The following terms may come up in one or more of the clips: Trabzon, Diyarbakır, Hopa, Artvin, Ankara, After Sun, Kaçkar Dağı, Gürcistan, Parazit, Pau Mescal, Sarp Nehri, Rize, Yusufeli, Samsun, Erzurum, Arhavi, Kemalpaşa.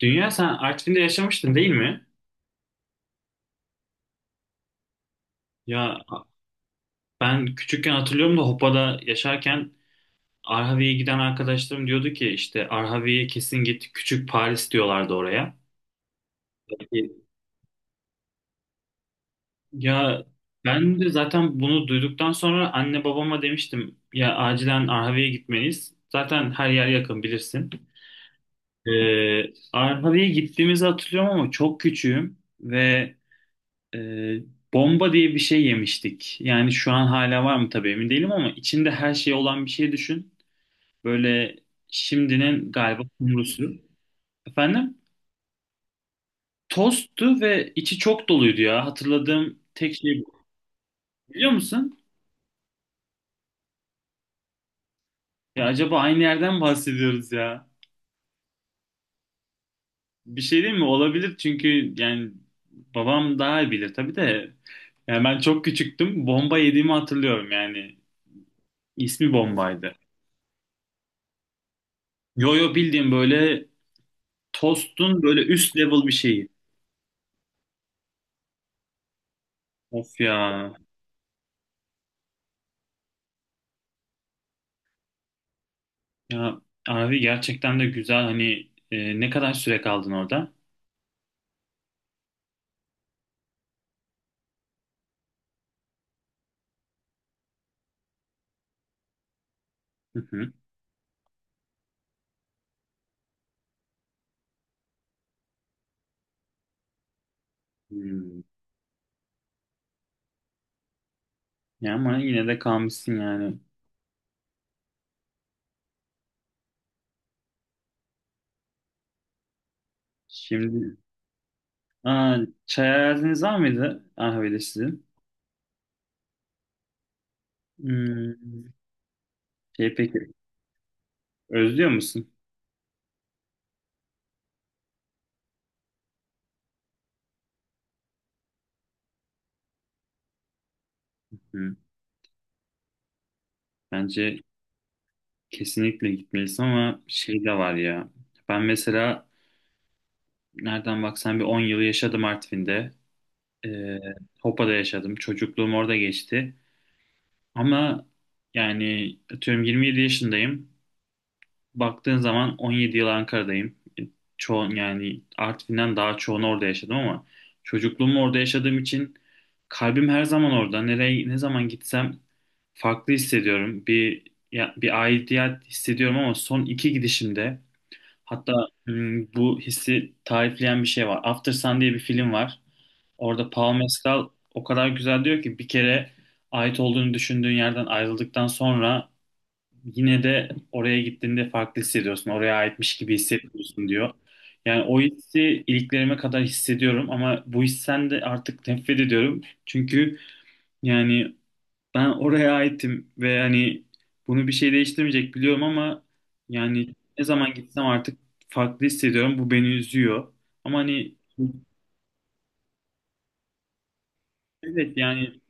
Dünya, sen Artvin'de yaşamıştın, değil mi? Ya, ben küçükken hatırlıyorum da Hopa'da yaşarken Arhavi'ye giden arkadaşlarım diyordu ki işte Arhavi'ye kesin git, küçük Paris diyorlardı oraya. Ya, ben de zaten bunu duyduktan sonra anne babama demiştim ya acilen Arhavi'ye gitmeliyiz. Zaten her yer yakın, bilirsin. Arhavi'ye gittiğimizi hatırlıyorum ama çok küçüğüm ve Ee, bomba diye bir şey yemiştik. Yani şu an hala var mı tabii emin değilim ama içinde her şey olan bir şey düşün. Böyle şimdinin galiba kumrusu. Efendim? Tosttu ve içi çok doluydu ya. Hatırladığım tek şey bu. Biliyor musun? Ya acaba aynı yerden bahsediyoruz ya. Bir şey değil mi? Olabilir çünkü yani babam daha iyi bilir tabii de. Yani ben çok küçüktüm. Bomba yediğimi hatırlıyorum yani. İsmi bombaydı. Yo yo, bildiğim böyle tost'un böyle üst level bir şeyi. Of ya. Ya abi, gerçekten de güzel. Hani ne kadar süre kaldın orada? Hı hı. Hmm. Ya ama yine de kalmışsın yani. Şimdi aa, çay araziniz var mıydı Ahve'de sizin? Hmm. Şey, peki özlüyor musun? Hı. Bence kesinlikle gitmelisin ama şey de var ya. Ben mesela nereden baksan bir 10 yıl yaşadım Artvin'de. Ee, Hopa'da yaşadım. Çocukluğum orada geçti. Ama yani atıyorum 27 yaşındayım. Baktığın zaman 17 yıl Ankara'dayım. Çoğun yani Artvin'den daha çoğunu orada yaşadım ama çocukluğumu orada yaşadığım için kalbim her zaman orada. Nereye ne zaman gitsem farklı hissediyorum. Bir bir aidiyet hissediyorum ama son iki gidişimde hatta bu hissi tarifleyen bir şey var. After Sun diye bir film var. Orada Pau Mescal o kadar güzel diyor ki: bir kere ait olduğunu düşündüğün yerden ayrıldıktan sonra yine de oraya gittiğinde farklı hissediyorsun. Oraya aitmiş gibi hissetmiyorsun, diyor. Yani o hissi iliklerime kadar hissediyorum ama bu hissen de artık nefret ediyorum. Çünkü yani ben oraya aitim ve hani bunu bir şey değiştirmeyecek biliyorum ama yani ne zaman gitsem artık farklı hissediyorum. Bu beni üzüyor. Ama hani evet yani,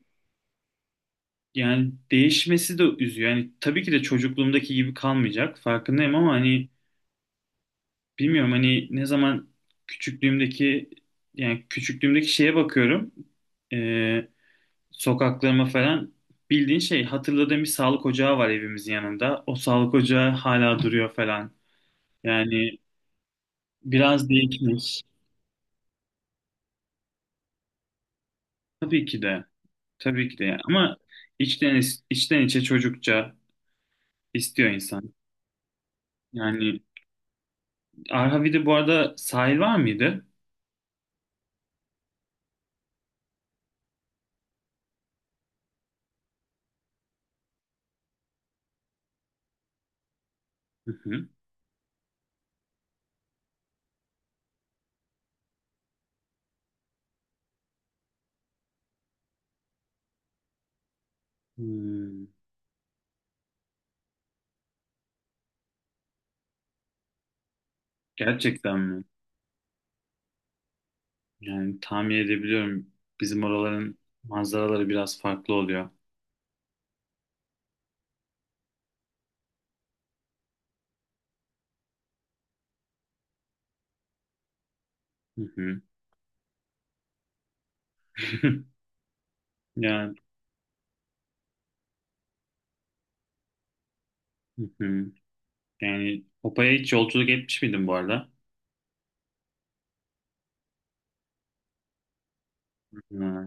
yani değişmesi de üzüyor. Yani tabii ki de çocukluğumdaki gibi kalmayacak. Farkındayım ama hani bilmiyorum, hani ne zaman küçüklüğümdeki, yani küçüklüğümdeki şeye bakıyorum. Ee, sokaklarıma falan, bildiğin şey hatırladığım bir sağlık ocağı var evimizin yanında. O sağlık ocağı hala duruyor falan. Yani biraz değişmiş. Tabii ki de. Tabii ki de yani. Ama içten, içten içe çocukça istiyor insan. Yani Arhavi'de bu arada sahil var mıydı? Hmm, gerçekten mi? Yani tahmin edebiliyorum. Bizim oraların manzaraları biraz farklı oluyor. Hı hı. Yani, hı hı. Yani Hopa'ya hiç yolculuk etmiş miydin bu arada? Ha,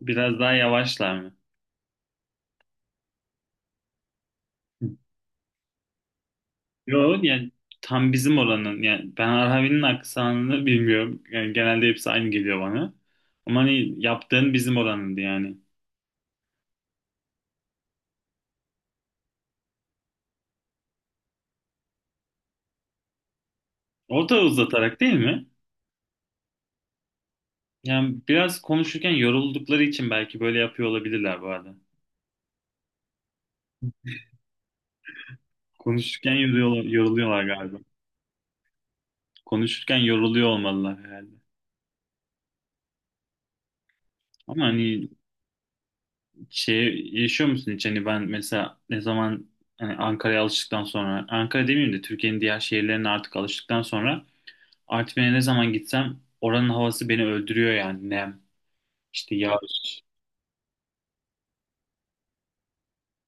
biraz daha yavaşlar mı? Yok yani, tam bizim oranın. Yani ben Arhavin'in aksanını bilmiyorum. Yani genelde hepsi aynı geliyor bana. Ama hani yaptığın bizim oranındı yani. Orta uzatarak değil mi? Yani biraz konuşurken yoruldukları için belki böyle yapıyor olabilirler bu arada. Konuşurken yoruluyorlar, yoruluyorlar galiba. Konuşurken yoruluyor olmalılar herhalde. Ama hani şey yaşıyor musun hiç? Hani ben mesela ne zaman hani Ankara'ya alıştıktan sonra, Ankara demeyeyim de Türkiye'nin diğer şehirlerine artık alıştıktan sonra Artvin'e ne zaman gitsem oranın havası beni öldürüyor yani. Nem, işte yağış.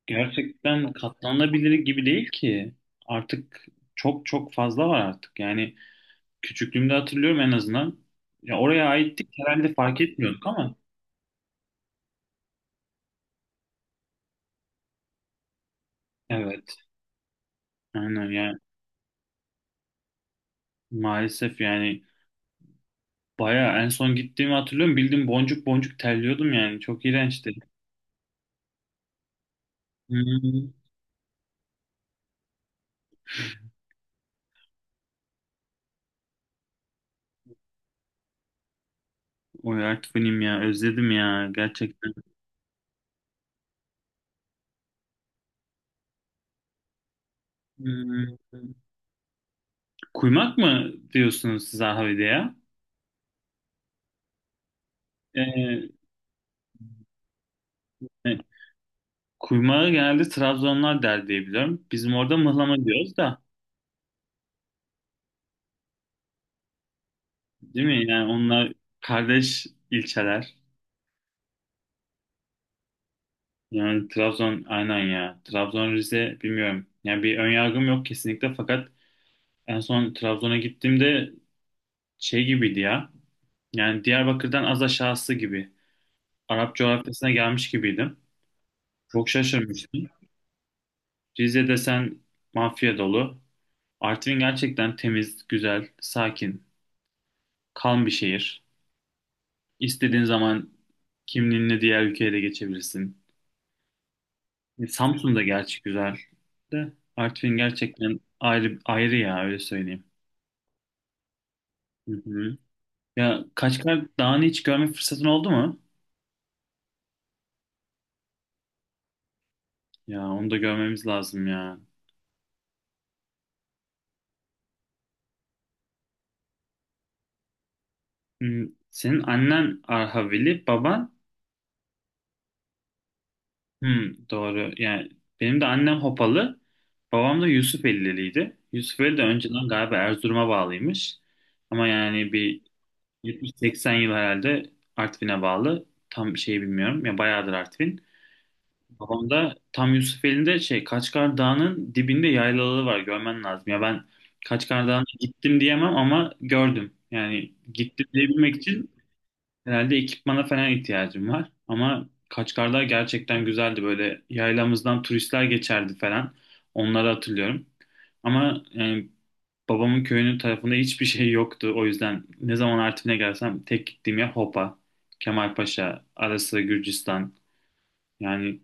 Gerçekten katlanabilir gibi değil ki. Artık çok çok fazla var artık. Yani küçüklüğümde hatırlıyorum en azından. Ya oraya aittik herhalde, fark etmiyorduk ama. Evet. Aynen yani, maalesef yani bayağı en son gittiğimi hatırlıyorum. Bildim boncuk boncuk terliyordum yani. Çok iğrençti. Hmm. Oy, artık benim ya, özledim ya gerçekten. Hmm. Kuymak mı diyorsunuz siz Ahvede ya? Ee, e, kuymağı genelde Trabzonlar der diye biliyorum. Bizim orada mıhlama diyoruz da, değil mi? Yani onlar kardeş ilçeler. Yani Trabzon aynen ya. Trabzon, Rize bilmiyorum. Yani bir ön yargım yok kesinlikle, fakat en son Trabzon'a gittiğimde şey gibiydi ya. Yani Diyarbakır'dan az aşağısı gibi. Arap coğrafyasına gelmiş gibiydim. Çok şaşırmıştım. Rize desen mafya dolu. Artvin gerçekten temiz, güzel, sakin, kalm bir şehir. İstediğin zaman kimliğinle diğer ülkeye de geçebilirsin. Samsun da gerçi güzel de Artvin gerçekten ayrı ayrı ya, öyle söyleyeyim. Hı hı. Ya Kaçkar Dağı'nı hiç görme fırsatın oldu mu? Ya onu da görmemiz lazım ya. Hmm, senin annen Arhavili, baban. Hmm, doğru. Yani benim de annem Hopalı, babam da Yusufeliliydi. Yusufeli de önceden galiba Erzurum'a bağlıymış. Ama yani bir 70-80 yıl herhalde Artvin'e bağlı. Tam şey bilmiyorum. Ya bayağıdır Artvin. Babam da tam Yusufeli'nde şey Kaçkar Dağı'nın dibinde yaylaları var. Görmen lazım. Ya ben Kaçkar Dağı'na gittim diyemem ama gördüm. Yani gittim diyebilmek için herhalde ekipmana falan ihtiyacım var. Ama Kaçkarlar gerçekten güzeldi. Böyle yaylamızdan turistler geçerdi falan. Onları hatırlıyorum. Ama yani babamın köyünün tarafında hiçbir şey yoktu. O yüzden ne zaman Artvin'e gelsem tek gittiğim yer Hopa, Kemalpaşa, ara sıra Gürcistan. Yani,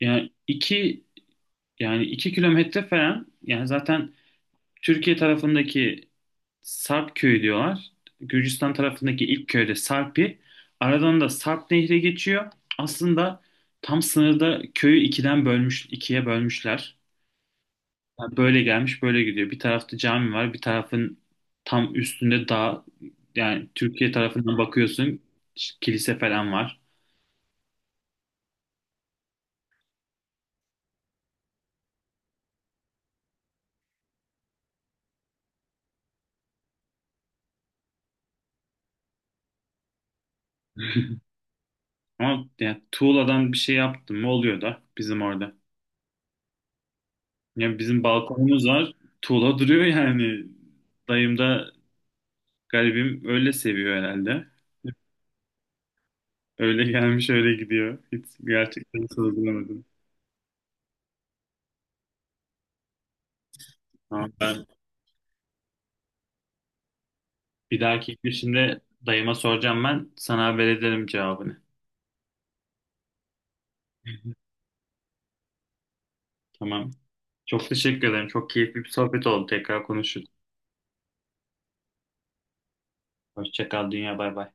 yani iki yani iki kilometre falan yani. Zaten Türkiye tarafındaki Sarp köyü diyorlar. Gürcistan tarafındaki ilk köyde Sarpi. Aradan da Sarp Nehri geçiyor. Aslında tam sınırda köyü ikiye bölmüşler. Yani böyle gelmiş, böyle gidiyor. Bir tarafta cami var, bir tarafın tam üstünde dağ. Yani Türkiye tarafından bakıyorsun, kilise falan var. Ama yani tuğladan bir şey yaptım mı oluyor da bizim orada. Yani bizim balkonumuz var. Tuğla duruyor yani. Dayım da garibim öyle seviyor herhalde. Öyle gelmiş öyle gidiyor. Hiç gerçekten sorgulamadım. Tamam, ben bir dahaki gidişimde dayıma soracağım ben. Sana haber ederim cevabını. Hı hı. Tamam. Çok teşekkür ederim. Çok keyifli bir sohbet oldu. Tekrar konuşuruz. Hoşça kal. Dünya, bay bay.